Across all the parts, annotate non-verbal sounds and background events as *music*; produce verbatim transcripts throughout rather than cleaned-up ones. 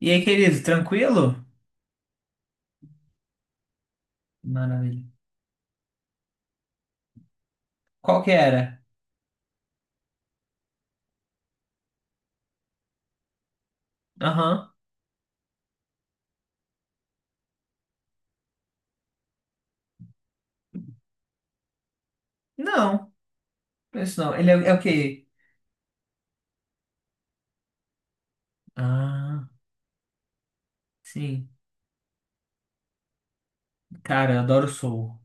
E aí, querido, tranquilo? Maravilha. Qual que era? Aham. Não, isso não. Ele é, é o quê? Ah, sim. Cara, eu adoro soul.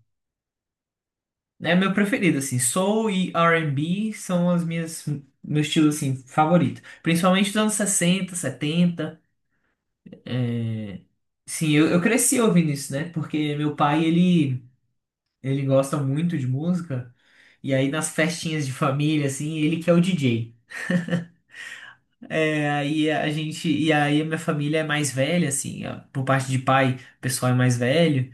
É meu preferido, assim. Soul e R and B são as minhas, meu estilo, assim, favorito. Principalmente dos anos sessenta, setenta. É. Sim, eu, eu cresci ouvindo isso, né? Porque meu pai, ele, ele gosta muito de música. E aí, nas festinhas de família, assim, ele que é o D J. É, e a gente, e aí a minha família é mais velha, assim, ó, por parte de pai, o pessoal é mais velho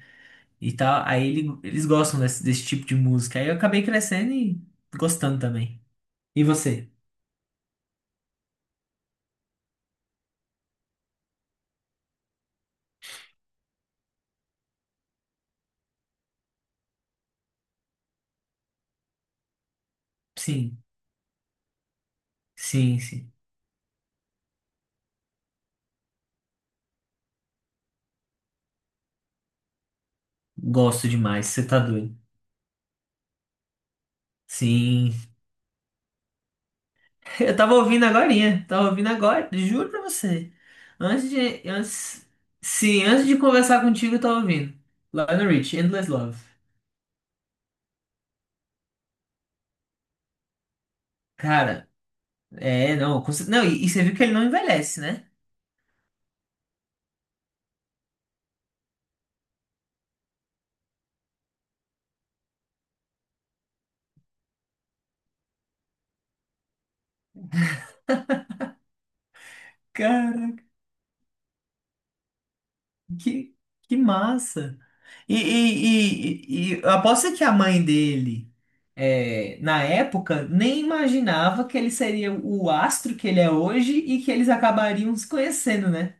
e tal, aí ele- eles gostam desse, desse tipo de música. Aí eu acabei crescendo e gostando também. E você? Sim, sim, sim. Gosto demais, você tá doido. Sim. *laughs* Eu tava ouvindo agorinha, tava ouvindo agora, juro pra você. Antes de, antes, sim, antes de conversar contigo, eu tava ouvindo. Lionel Rich, Endless Love. Cara, é, não, com cer- não, e, e você viu que ele não envelhece, né? Cara, que, que massa! E, e, e, e- e aposto que a mãe dele, é, na época, nem imaginava que ele seria o astro que ele é hoje e que eles acabariam se conhecendo, né?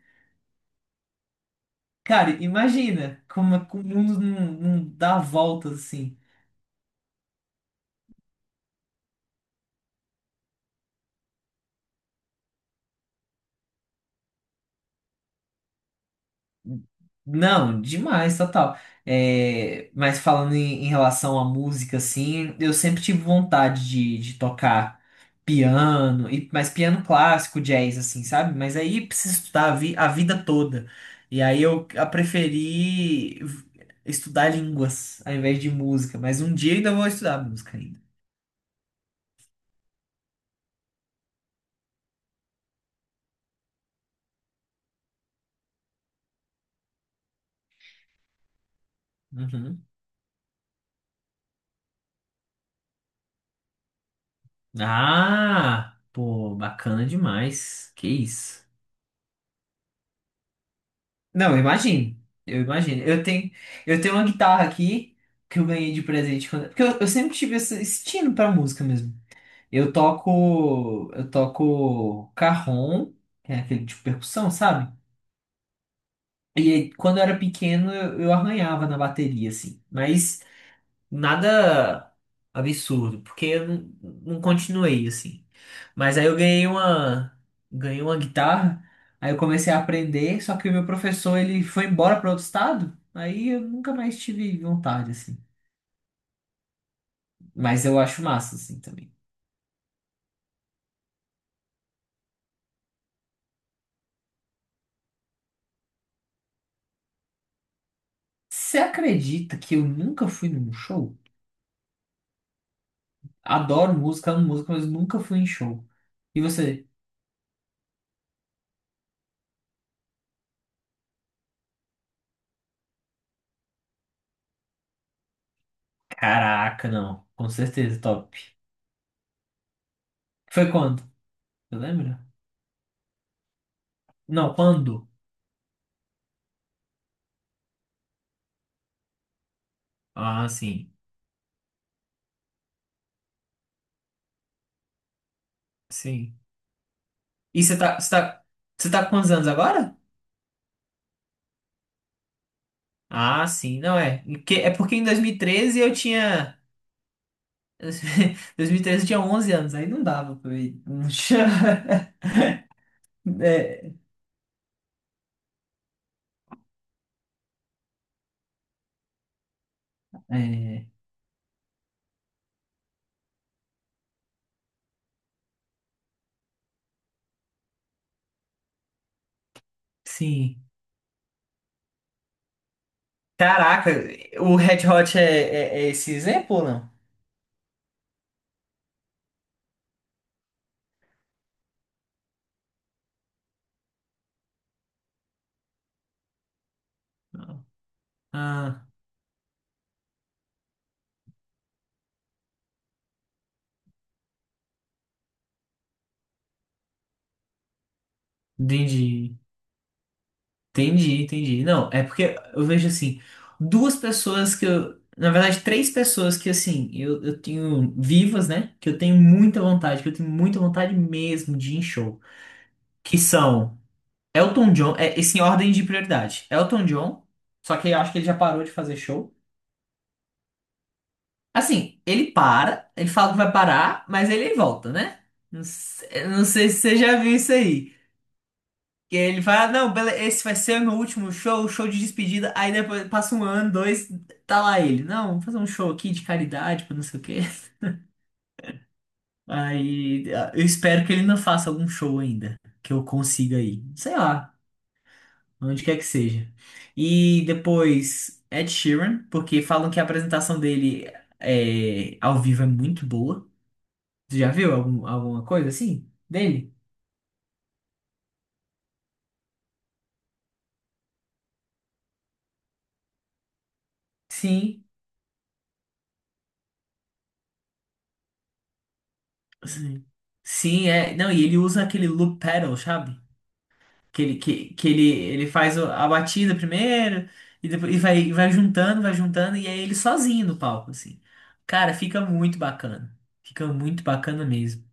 Cara, imagina como, é, como o mundo não, não dá voltas assim. Não, demais, total. É, mas falando em, em relação à música, assim, eu sempre tive vontade de, de tocar piano, e, mas piano clássico, jazz, assim, sabe? Mas aí preciso estudar a, vi- a vida toda. E aí eu a preferi v- estudar línguas ao invés de música. Mas um dia ainda vou estudar música ainda. Uhum. Ah, pô, bacana demais. Que isso. Não, eu imagino. Eu imagino. Eu tenho, eu tenho uma guitarra aqui que eu ganhei de presente quando- porque eu, eu sempre tive esse estilo pra música mesmo. Eu toco, eu toco carrom, que é aquele de percussão, sabe? E aí, quando eu era pequeno, eu, eu arranhava na bateria assim. Mas nada absurdo, porque eu não, não continuei assim. Mas aí eu ganhei uma ganhei uma guitarra, aí eu comecei a aprender, só que o meu professor ele foi embora para outro estado, aí eu nunca mais tive vontade assim. Mas eu acho massa assim também. Você acredita que eu nunca fui num show? Adoro música, amo música, mas nunca fui em show. E você? Caraca, não. Com certeza, top. Foi quando? Você lembra? Não, quando? Ah, sim. Sim. E você tá, você tá, você tá com quantos anos agora? Ah, sim, não é. Que- É porque em dois mil e treze eu tinha. *laughs* dois mil e treze eu tinha onze anos, aí não dava pra mim. Não tinha. *laughs* É, é, sim. Caraca, o Red Hot é, é, é esse exemplo ou não? Ah, entendi. Entendi, entendi. Não, é porque eu vejo assim, duas pessoas que eu, na verdade, três pessoas que assim, eu, eu tenho vivas, né? Que eu tenho muita vontade, que eu tenho muita vontade mesmo de ir em show. Que são Elton John, é, esse em ordem de prioridade. Elton John, só que eu acho que ele já parou de fazer show. Assim, ele para, ele fala que vai parar, mas ele volta, né? Não, se- eu não sei se você já viu isso aí. Que ele fala, não, bele- esse vai ser o meu último show, show de despedida. Aí depois passa um ano, dois, tá lá ele. Não, vou fazer um show aqui de caridade, pra não sei o quê. *laughs* Aí ah, eu espero que ele não faça algum show ainda, que eu consiga ir. Sei lá, onde quer que seja. E depois Ed Sheeran, porque falam que a apresentação dele é, ao vivo é muito boa. Você já viu algum- alguma coisa assim dele? Sim. Sim, sim, é. Não, e ele usa aquele loop pedal, sabe? que ele, que, que ele, ele faz o- a batida primeiro e depois e vai, e vai juntando, vai juntando, e é ele sozinho no palco, assim. Cara, fica muito bacana. Fica muito bacana mesmo.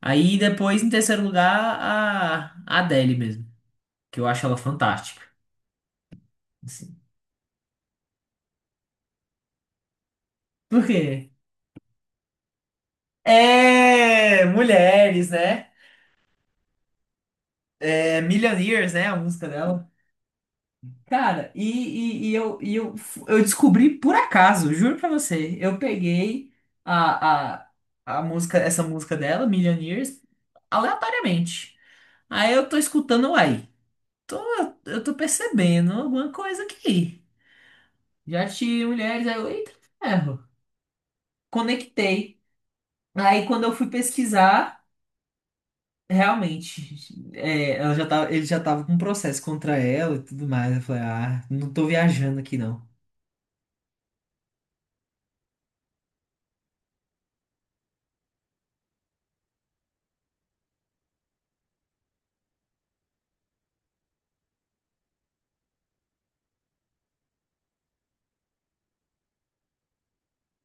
Aí depois, em terceiro lugar, a, a Adele mesmo, que eu acho ela fantástica. Assim. Por quê? É, mulheres, né? É Millionaires, né? A música dela. Cara, e, e, e eu, e eu, eu descobri por acaso, juro pra você. Eu peguei a, a, a música, essa música dela, Millionaires, aleatoriamente. Aí eu tô escutando, aí tô, eu tô percebendo alguma coisa aqui. Já tive mulheres, aí eu, eita, ferro. Conectei. Aí quando eu fui pesquisar, realmente, é, ela já tava, ele já tava com um processo contra ela e tudo mais. Eu falei, ah, não tô viajando aqui não.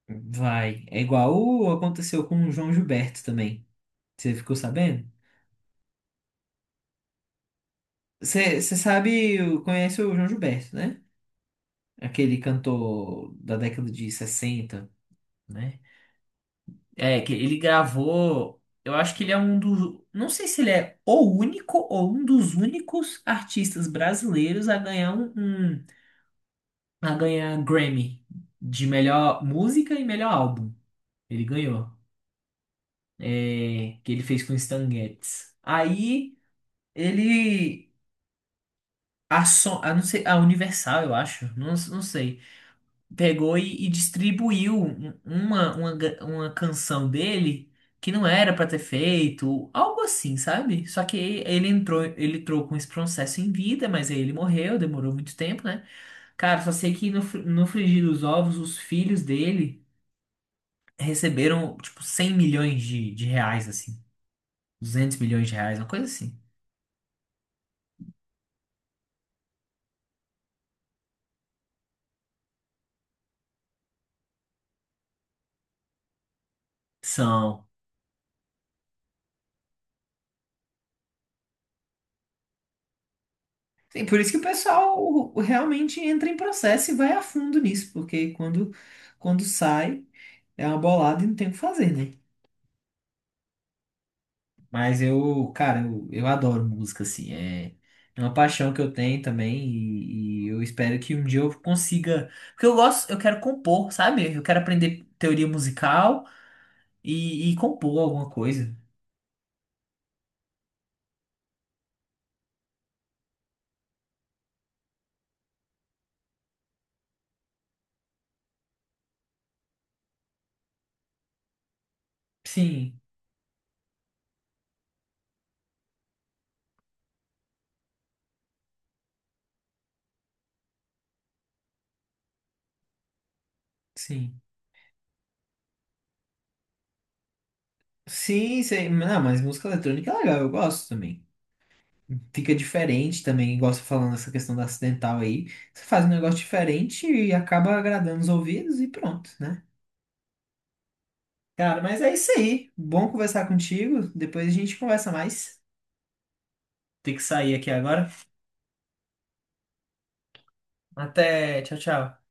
Vai. É igual o- aconteceu com o João Gilberto também. Você ficou sabendo? Você você sabe, conhece o João Gilberto, né? Aquele cantor da década de sessenta, né? É, que ele gravou. Eu acho que ele é um dos. Não sei se ele é o único ou um dos únicos artistas brasileiros a ganhar um, um- a ganhar Grammy de melhor música e melhor álbum. Ele ganhou. É, que ele fez com o Stan Getz. Aí. Ele A, Son- a, não sei, a Universal, eu acho, não, não sei, pegou e, e distribuiu um- uma, uma, ga- uma canção dele que não era pra ter feito, algo assim, sabe? Só que ele entrou, ele entrou com esse processo em vida, mas aí ele morreu, demorou muito tempo, né? Cara, só sei que no, fr- no frigir dos ovos, os filhos dele receberam, tipo, cem milhões de, de reais, assim, duzentos milhões de reais, uma coisa assim. São Sim, por isso que o pessoal realmente entra em processo e vai a fundo nisso, porque quando, quando sai é uma bolada e não tem o que fazer, né? Mas eu, cara, eu, eu adoro música, assim, é, é uma paixão que eu tenho também e, e eu espero que um dia eu consiga. Porque eu gosto, eu quero compor, sabe? Eu quero aprender teoria musical e, e compor alguma coisa. Sim, sim. Sim, sim. Não, mas música eletrônica é legal, eu gosto também. Fica diferente também, igual você falando essa questão da acidental aí. Você faz um negócio diferente e acaba agradando os ouvidos e pronto, né? Cara, mas é isso aí. Bom conversar contigo. Depois a gente conversa mais. Tem que sair aqui agora. Até, tchau, tchau.